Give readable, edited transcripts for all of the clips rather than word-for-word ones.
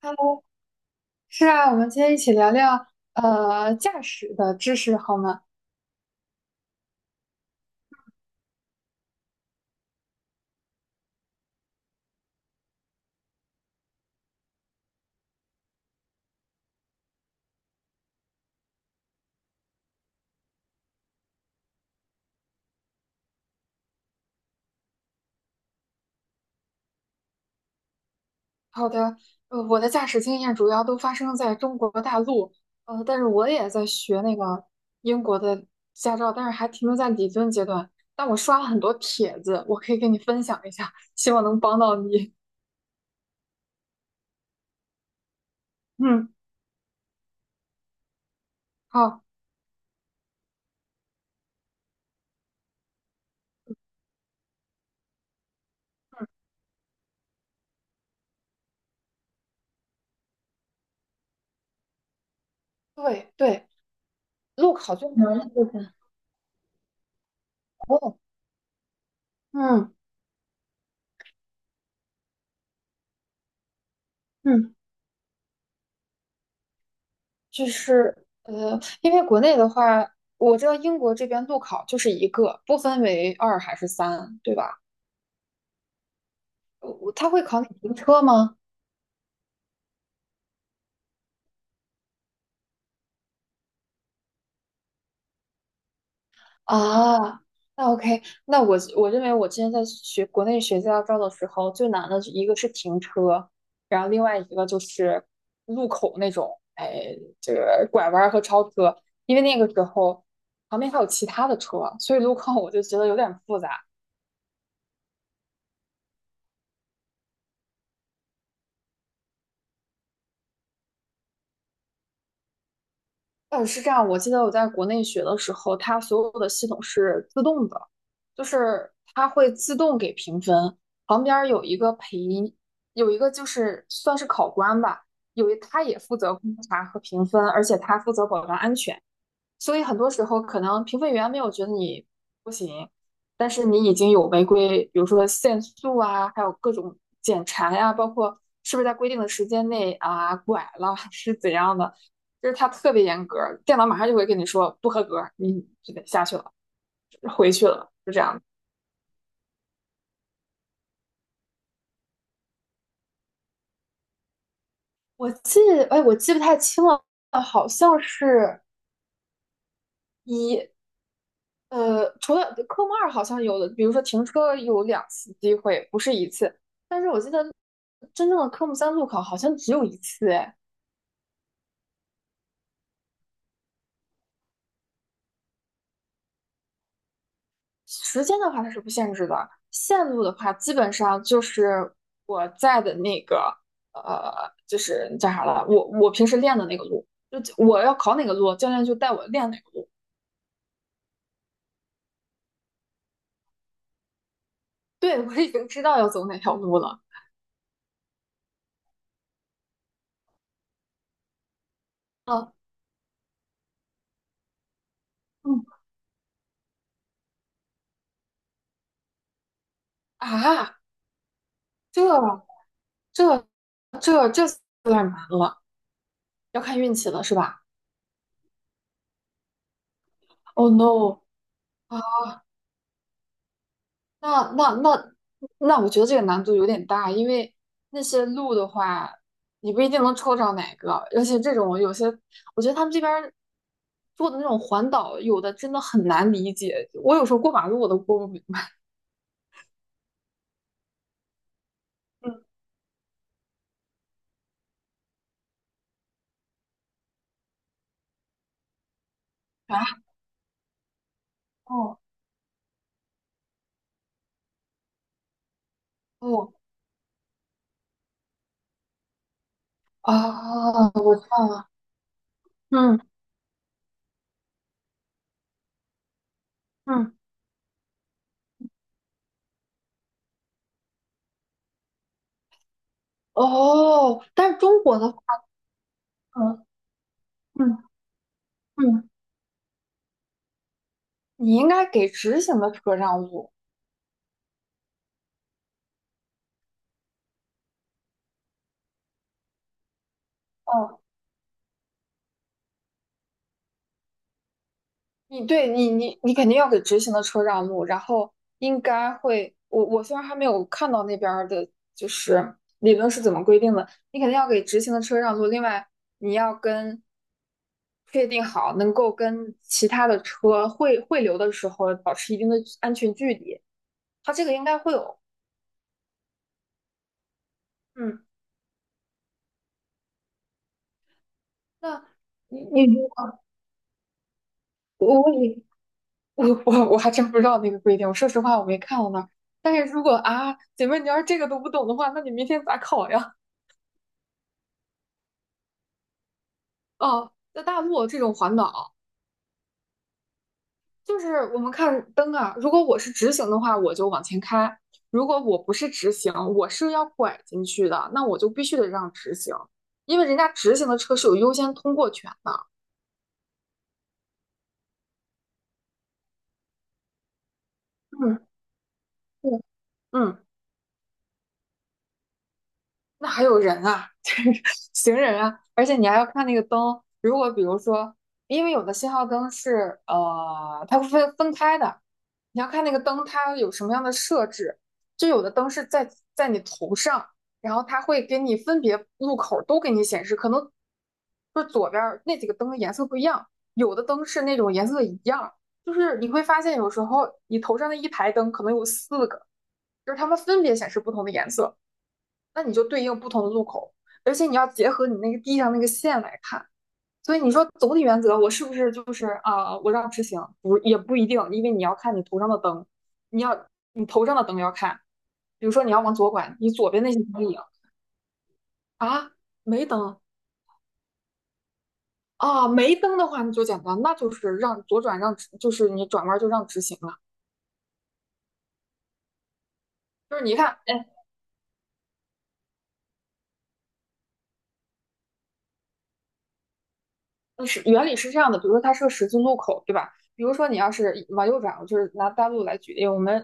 Hello，是啊，我们今天一起聊聊驾驶的知识好吗？好的，我的驾驶经验主要都发生在中国大陆，但是我也在学那个英国的驾照，但是还停留在理论阶段。但我刷了很多帖子，我可以跟你分享一下，希望能帮到你。嗯，好，嗯，对对，路考最难的部分。哦，嗯嗯。就是因为国内的话，我知道英国这边路考就是一个，不分为二还是三，对吧？他会考你停车吗？啊，那 OK，那我认为我之前在学国内学驾照的时候，最难的一个是停车，然后另外一个就是路口那种，哎，这个拐弯儿和超车，因为那个时候旁边还有其他的车，所以路况我就觉得有点复杂。是这样，我记得我在国内学的时候，它所有的系统是自动的，就是它会自动给评分，旁边儿有一个陪，有一个就是算是考官吧，他也负责观察和评分，而且他负责保障安全。所以很多时候可能评分员没有觉得你不行，但是你已经有违规，比如说限速啊，还有各种检查呀、包括是不是在规定的时间内啊拐了 是怎样的，就是它特别严格，电脑马上就会跟你说不合格，你就得下去了，回去了，就这样。我记，哎，我记不太清了，好像是。一。除了科目二好像有的，比如说停车有两次机会，不是一次。但是我记得真正的科目三路考好像只有一次，哎，时间的话它是不限制的，线路的话基本上就是我在的那个呃，就是叫啥了，我平时练的那个路，就我要考哪个路，教练就带我练哪个路。对，我已经知道要走哪条路了。嗯嗯啊，这这有点难了，要看运气了是吧？Oh no！啊，那那那那，我觉得这个难度有点大，因为那些路的话，你不一定能抽着哪个，而且这种有些，我觉得他们这边儿做的那种环岛，有的真的很难理解。我有时候过马路我都过不明白。嗯啊 哦哦啊，我知道了。嗯嗯哦，但是中国的，嗯嗯嗯，你应该给直行的车让路。对，你肯定要给直行的车让路，然后应该会，我虽然还没有看到那边儿的，就是理论是怎么规定的，你肯定要给直行的车让路。另外，你要跟确定好能够跟其他的车汇流的时候保持一定的安全距离，它这个应该会有。嗯，那你你我你我我我还真不知道那个规定，我说实话我没看到那儿。但是如果啊，姐妹，你要是这个都不懂的话，那你明天咋考呀？哦，在大陆这种环岛，就是我们看灯啊。如果我是直行的话，我就往前开；如果我不是直行，我是要拐进去的，那我就必须得让直行，因为人家直行的车是有优先通过权的。嗯，对嗯，那还有人啊，就是行人啊，而且你还要看那个灯。如果比如说，因为有的信号灯是它会分开的，你要看那个灯它有什么样的设置。就有的灯是在你头上，然后它会给你分别路口都给你显示，可能就是左边儿那几个灯的颜色不一样，有的灯是那种颜色一样，就是你会发现有时候你头上那一排灯可能有四个，就是它们分别显示不同的颜色。那你就对应不同的路口，而且你要结合你那个地上那个线来看。所以你说总体原则，我是不是就是我让直行不也不一定，因为你要看你头上的灯，你要你头上的灯要看。比如说你要往左拐，你左边那些灯影啊没灯没灯的话，那就简单，那就是让左转让直就是你转弯就让直行了。就是你看，哎，原理是这样的，比如说它是个十字路口，对吧？比如说你要是往右转，我就是拿大陆来举例，我们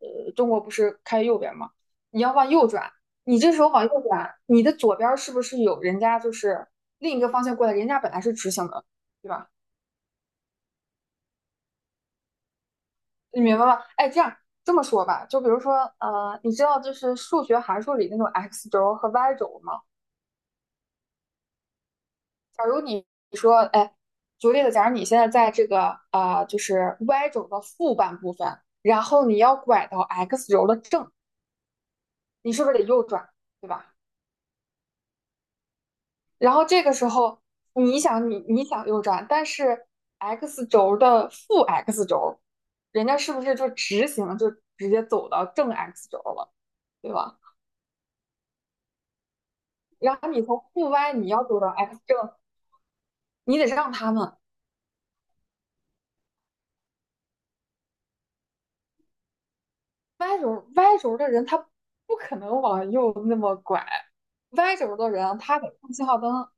中国不是开右边吗？你要往右转，你这时候往右转，你的左边儿是不是有人家就是另一个方向过来，人家本来是直行的，对吧？你明白吗？哎，这样这么说吧，就比如说你知道就是数学函数里那种 x 轴和 y 轴吗？假如你说，哎，举个例子，假如你现在在这个就是 Y 轴的负半部分，然后你要拐到 X 轴的正，你是不是得右转，对吧？然后这个时候你想右转，但是 X 轴的负 X 轴，人家是不是就直行就直接走到正 X 轴了，对吧？然后你从负 Y 你要走到 X 正，你得让他们，歪轴的人他不可能往右那么拐，歪轴的人他得看信号灯。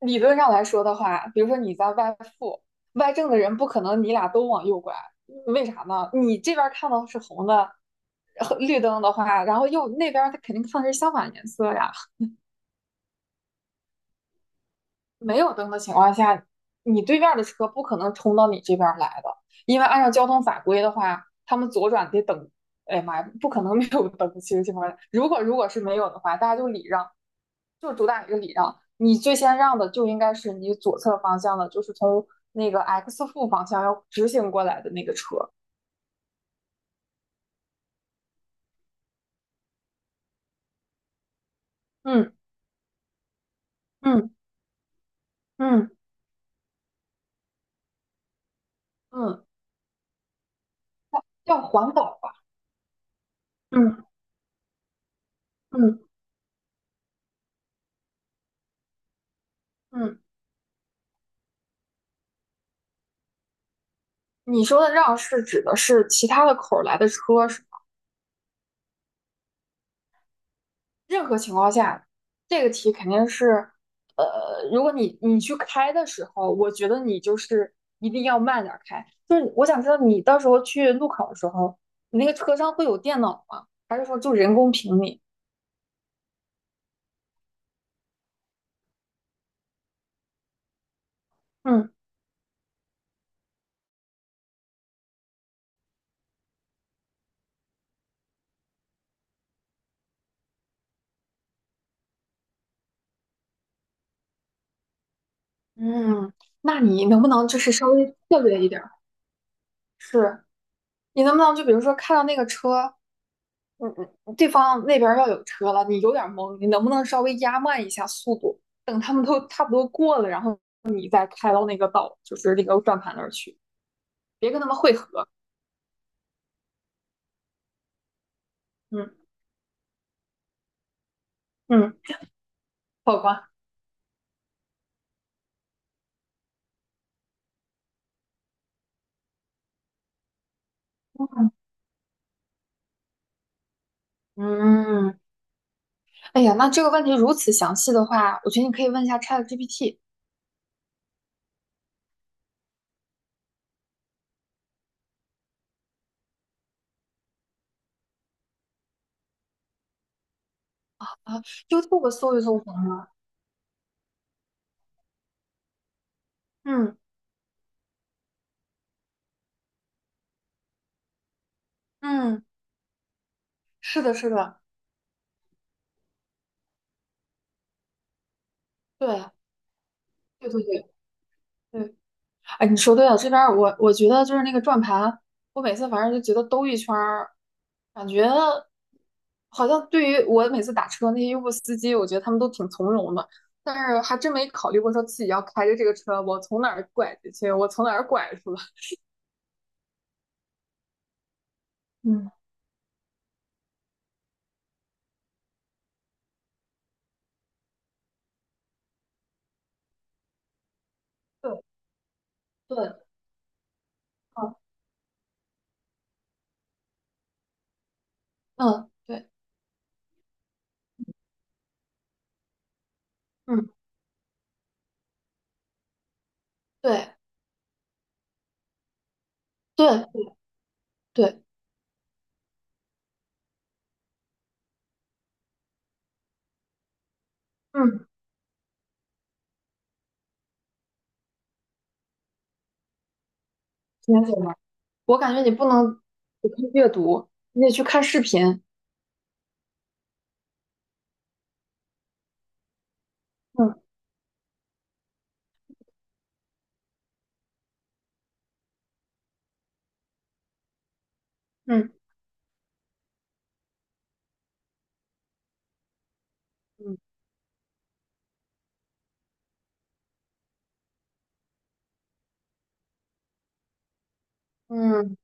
理论上来说的话，比如说你在歪负，歪正的人不可能你俩都往右拐，为啥呢？你这边看到是红的，绿灯的话，然后右那边他肯定看的是相反颜色呀。没有灯的情况下，你对面的车不可能冲到你这边儿来的，因为按照交通法规的话，他们左转得等。哎呀妈呀，不可能没有灯。其实情况下，如果是没有的话，大家就礼让，就主打一个礼让。你最先让的就应该是你左侧方向的，就是从那个 X 负方向要直行过来的那个车。嗯嗯嗯嗯，要环保吧？嗯嗯嗯，你说的让是指的是其他的口儿来的车是？任何情况下，这个题肯定是，如果你去开的时候，我觉得你就是一定要慢点儿开。就是我想知道你到时候去路考的时候，你那个车上会有电脑吗？还是说就人工评你？嗯嗯，那你能不能就是稍微策略一点儿？是。你能不能就比如说看到那个车，嗯嗯，对方那边儿要有车了，你有点儿懵，你能不能稍微压慢一下速度，等他们都差不多过了，然后你再开到那个道，就是那个转盘那儿去，别跟他们汇合。嗯嗯，好吧。嗯，哎呀，那这个问题如此详细的话，我觉得你可以问一下 ChatGPT 啊，YouTube 搜一搜行吗？嗯嗯，是的，是的，对对对对对。哎，你说对了，这边儿我觉得就是那个转盘，我每次反正就觉得兜一圈儿，感觉好像对于我每次打车那些优步司机，我觉得他们都挺从容的，但是还真没考虑过说自己要开着这个车，我从哪儿拐进去，我从哪儿拐出来。嗯，对对，嗯嗯，对，嗯对对对，嗯，了解了。我感觉你不能只看阅读，你得去看视频。嗯嗯嗯嗯。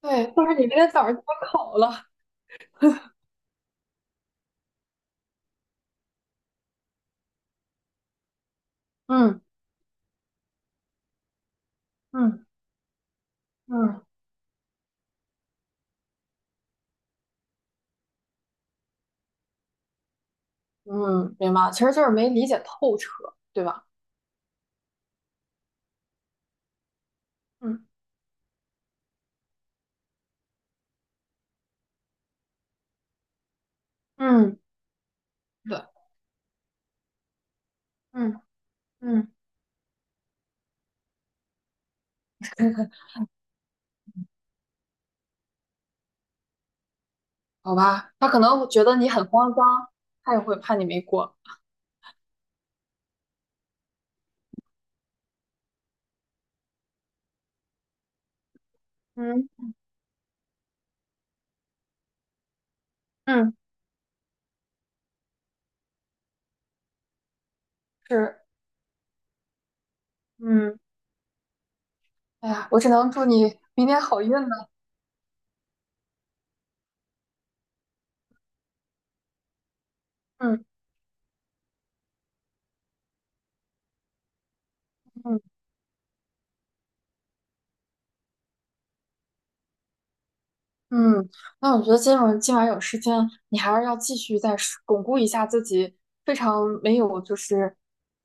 对，或者你明天早上就要考了，嗯嗯嗯嗯，明白了其实就是没理解透彻，对吧？嗯嗯对，嗯嗯好吧，他可能觉得你很慌张，他也会怕你没过。嗯嗯是，嗯哎呀，我只能祝你明天好运了，嗯嗯。嗯，那我觉得今晚有时间，你还是要继续再是巩固一下自己非常没有就是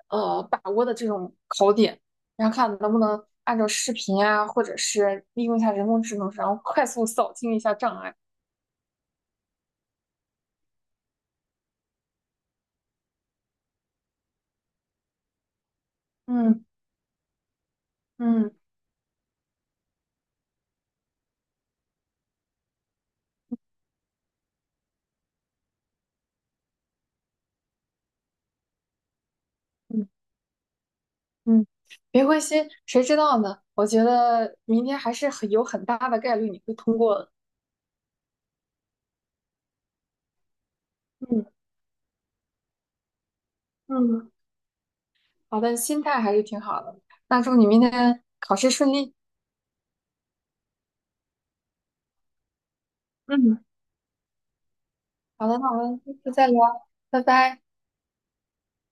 把握的这种考点，然后看能不能按照视频啊，或者是利用一下人工智能，然后快速扫清一下障碍。嗯嗯嗯嗯，别灰心，谁知道呢？我觉得明天还是很大的概率你会通过的。嗯嗯，好的，心态还是挺好的。那祝你明天考试顺利。嗯。好的，好的，下次再聊，拜拜。